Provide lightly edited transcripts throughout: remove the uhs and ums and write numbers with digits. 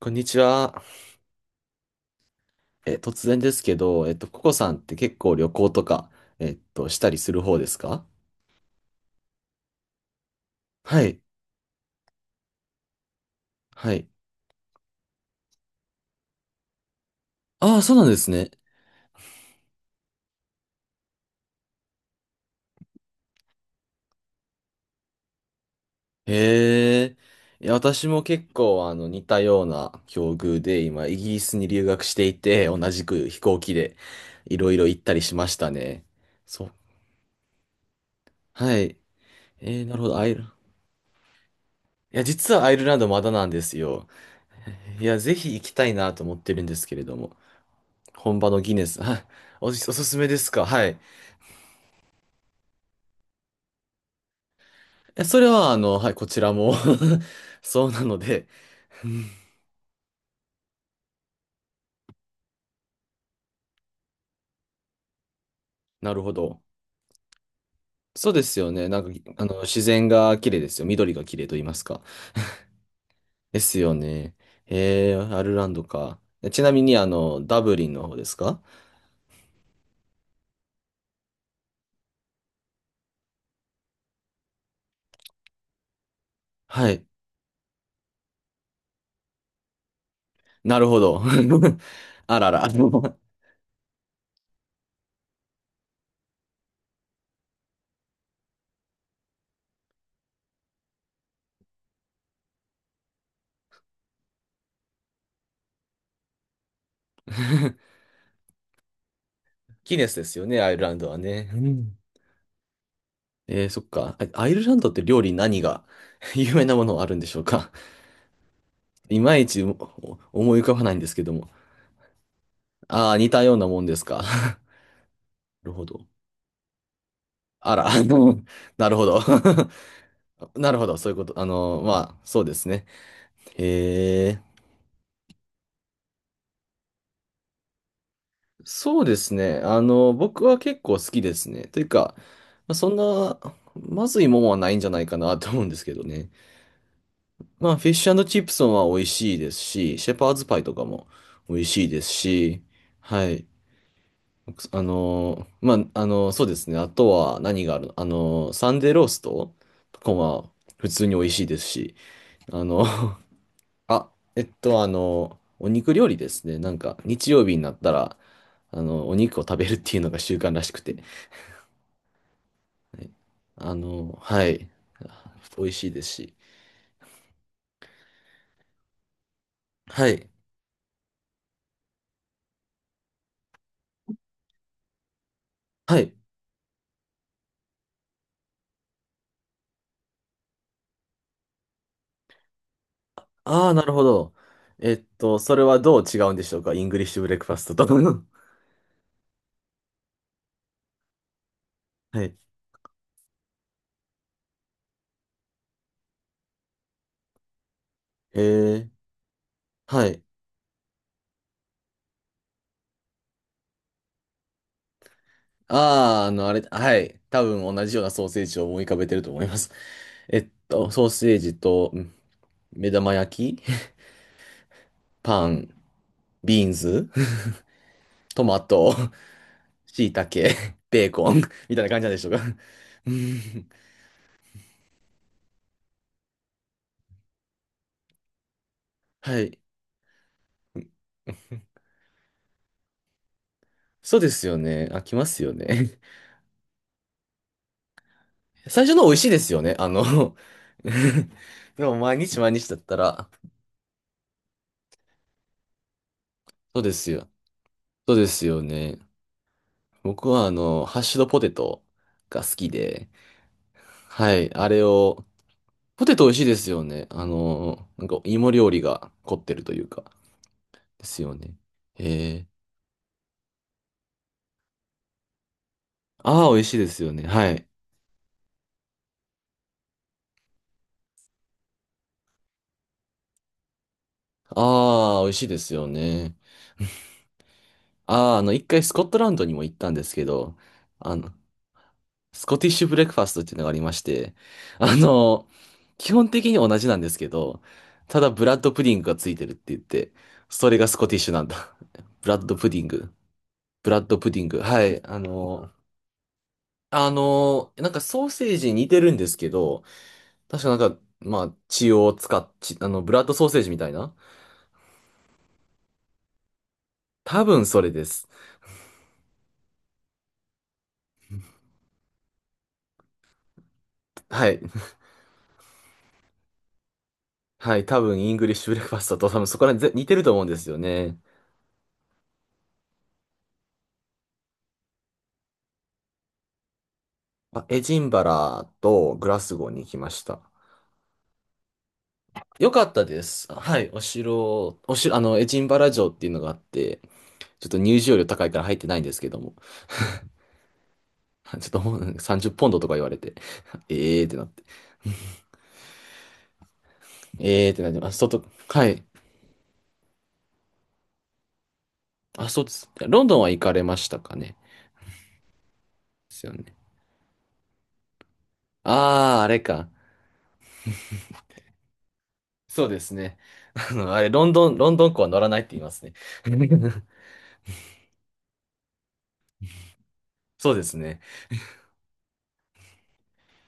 こんにちは。突然ですけど、ココさんって結構旅行とか、したりする方ですか？はい。はい。ああ、そうなんですね。へえ。いや、私も結構、似たような境遇で、今、イギリスに留学していて、同じく飛行機で、いろいろ行ったりしましたね。そう。はい。なるほど。アイル、いや、実はアイルランドまだなんですよ。いや、ぜひ行きたいなと思ってるんですけれども、本場のギネス、おすすめですか？はい。それは、はい、こちらも そうなので、なるほど。そうですよね。なんか、自然が綺麗ですよ。緑が綺麗と言いますか。ですよね。アイルランドか。ちなみに、ダブリンの方ですか？はい。なるほど。あらら。ギネスですよね、アイルランドはね。うん。そっか。アイルランドって料理何が 有名なものあるんでしょうか？いまいちお思い浮かばないんですけども。ああ、似たようなもんですか？るほど。あら、なるほど。なるほど、そういうこと。まあ、そうですね。へえ、そうですね。僕は結構好きですね。というか、まあ、そんな、まずいもんはないんじゃないかなと思うんですけどね。まあ、フィッシュチップソンは美味しいですし、シェパーズパイとかも美味しいですし、はい。まあ、そうですね。あとは何があるの？サンデーローストとかは普通に美味しいですし、あの あ、お肉料理ですね。なんか、日曜日になったら、お肉を食べるっていうのが習慣らしくて。はい。はい。美味しいですし。はい。はい。ああ、なるほど。それはどう違うんでしょうか、イングリッシュブレックファストと？はい。えー、はい。ああ、あれ、はい。多分同じようなソーセージを思い浮かべてると思います。ソーセージと、うん、目玉焼き、パン、ビーンズ、トマト。椎茸、ベーコンみたいな感じなんでしょうか？うん。はい。そうですよね。あ、来ますよね。最初の美味しいですよね。でも毎日毎日だったら、そうですよ。そうですよね。僕はハッシュドポテトが好きで、はい、あれを、ポテト美味しいですよね。なんか芋料理が凝ってるというか、ですよね。へえ。ああ、美味しいですよね。はい。ああ、美味しいですよね。ああ、一回スコットランドにも行ったんですけど、あの、スコティッシュブレックファストっていうのがありまして、あの、基本的に同じなんですけど、ただブラッドプディングがついてるって言って、それがスコティッシュなんだ。ブラッドプディング。ブラッドプディング。はい。なんかソーセージに似てるんですけど、確かなんか、まあ、血を使っ、血ブラッドソーセージみたいな。多分それです。はい。はい。多分、イングリッシュブレックファストと多分そこら辺似てると思うんですよね。エジンバラとグラスゴーに行きました。よかったです。はい、お城、エジンバラ城っていうのがあって、ちょっと入場料高いから入ってないんですけども、ちょっともう30ポンドとか言われて、ええーってなって、ええーってなってます。はい。あ、そうです。ロンドンは行かれましたかね？ですよね。ああ、あれか。そうですね。あれ、ロンドン港は乗らないって言いますね。そうですね。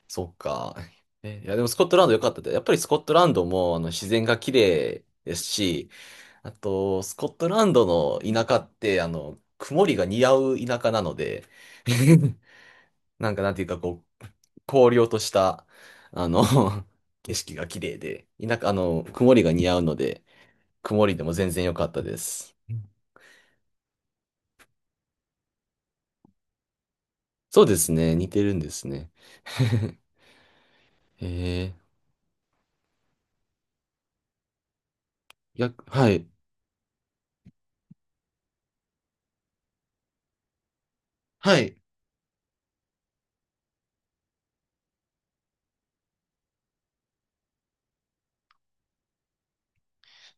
そっか。いや、でもスコットランド良かったで。やっぱりスコットランドも自然が綺麗ですし、あと、スコットランドの田舎って、曇りが似合う田舎なので、なんかなんていうか、こう、荒涼とした、あの、景色が綺麗で、田舎、曇りが似合うので、曇りでも全然良かったです。うん、そうですね。似てるんですね。へえー。いや、はい。はい。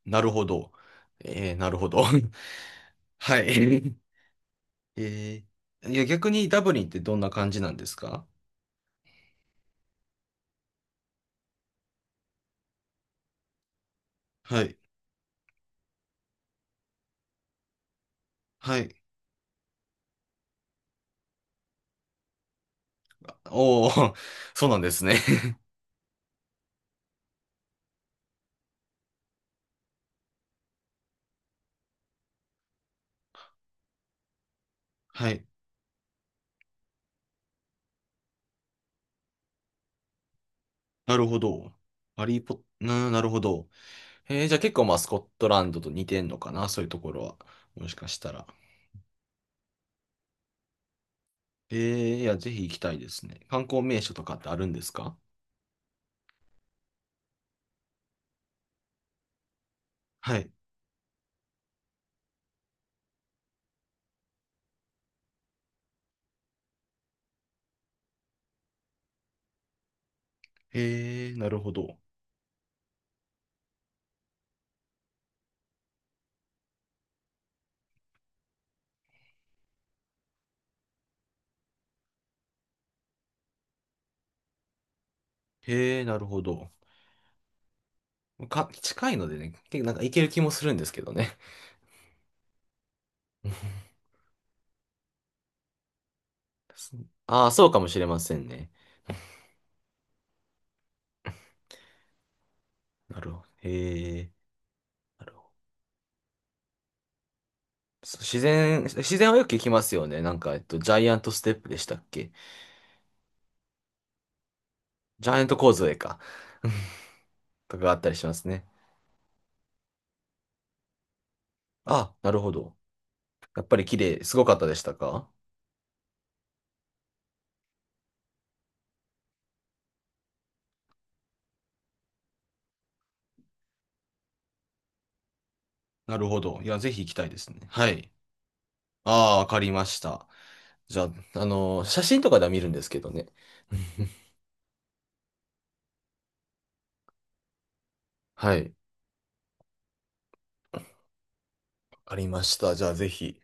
なるほど。なるほど。はい。えいや、逆にダブリンってどんな感じなんですか？はい。はい。おー、そうなんですね。はい。なるほど。ハリーポッ、な、なるほど。じゃあ結構まあスコットランドと似てんのかなそういうところは。もしかしたら。いや、ぜひ行きたいですね。観光名所とかってあるんですか？はい。へえー、なるほど。へえー、なるほど。近いのでね、結構なんか行ける気もするんですけどね。ああ、そうかもしれませんね。なるほど。へえ。なるほど。そう自然はよく聞きますよね。なんか、ジャイアントステップでしたっけ？ジャイアント構造か。とかがあったりしますね。あ、なるほど。やっぱり綺麗、すごかったでしたか？なるほど。いや、ぜひ行きたいですね。はい。ああ、わかりました。じゃあ、写真とかでは見るんですけどね。はい。わかりました。じゃあ、ぜひ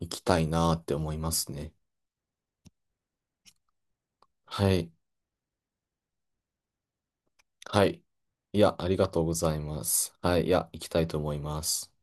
行きたいなーって思いますね。はい。はい。いや、ありがとうございます。はい。いや、行きたいと思います。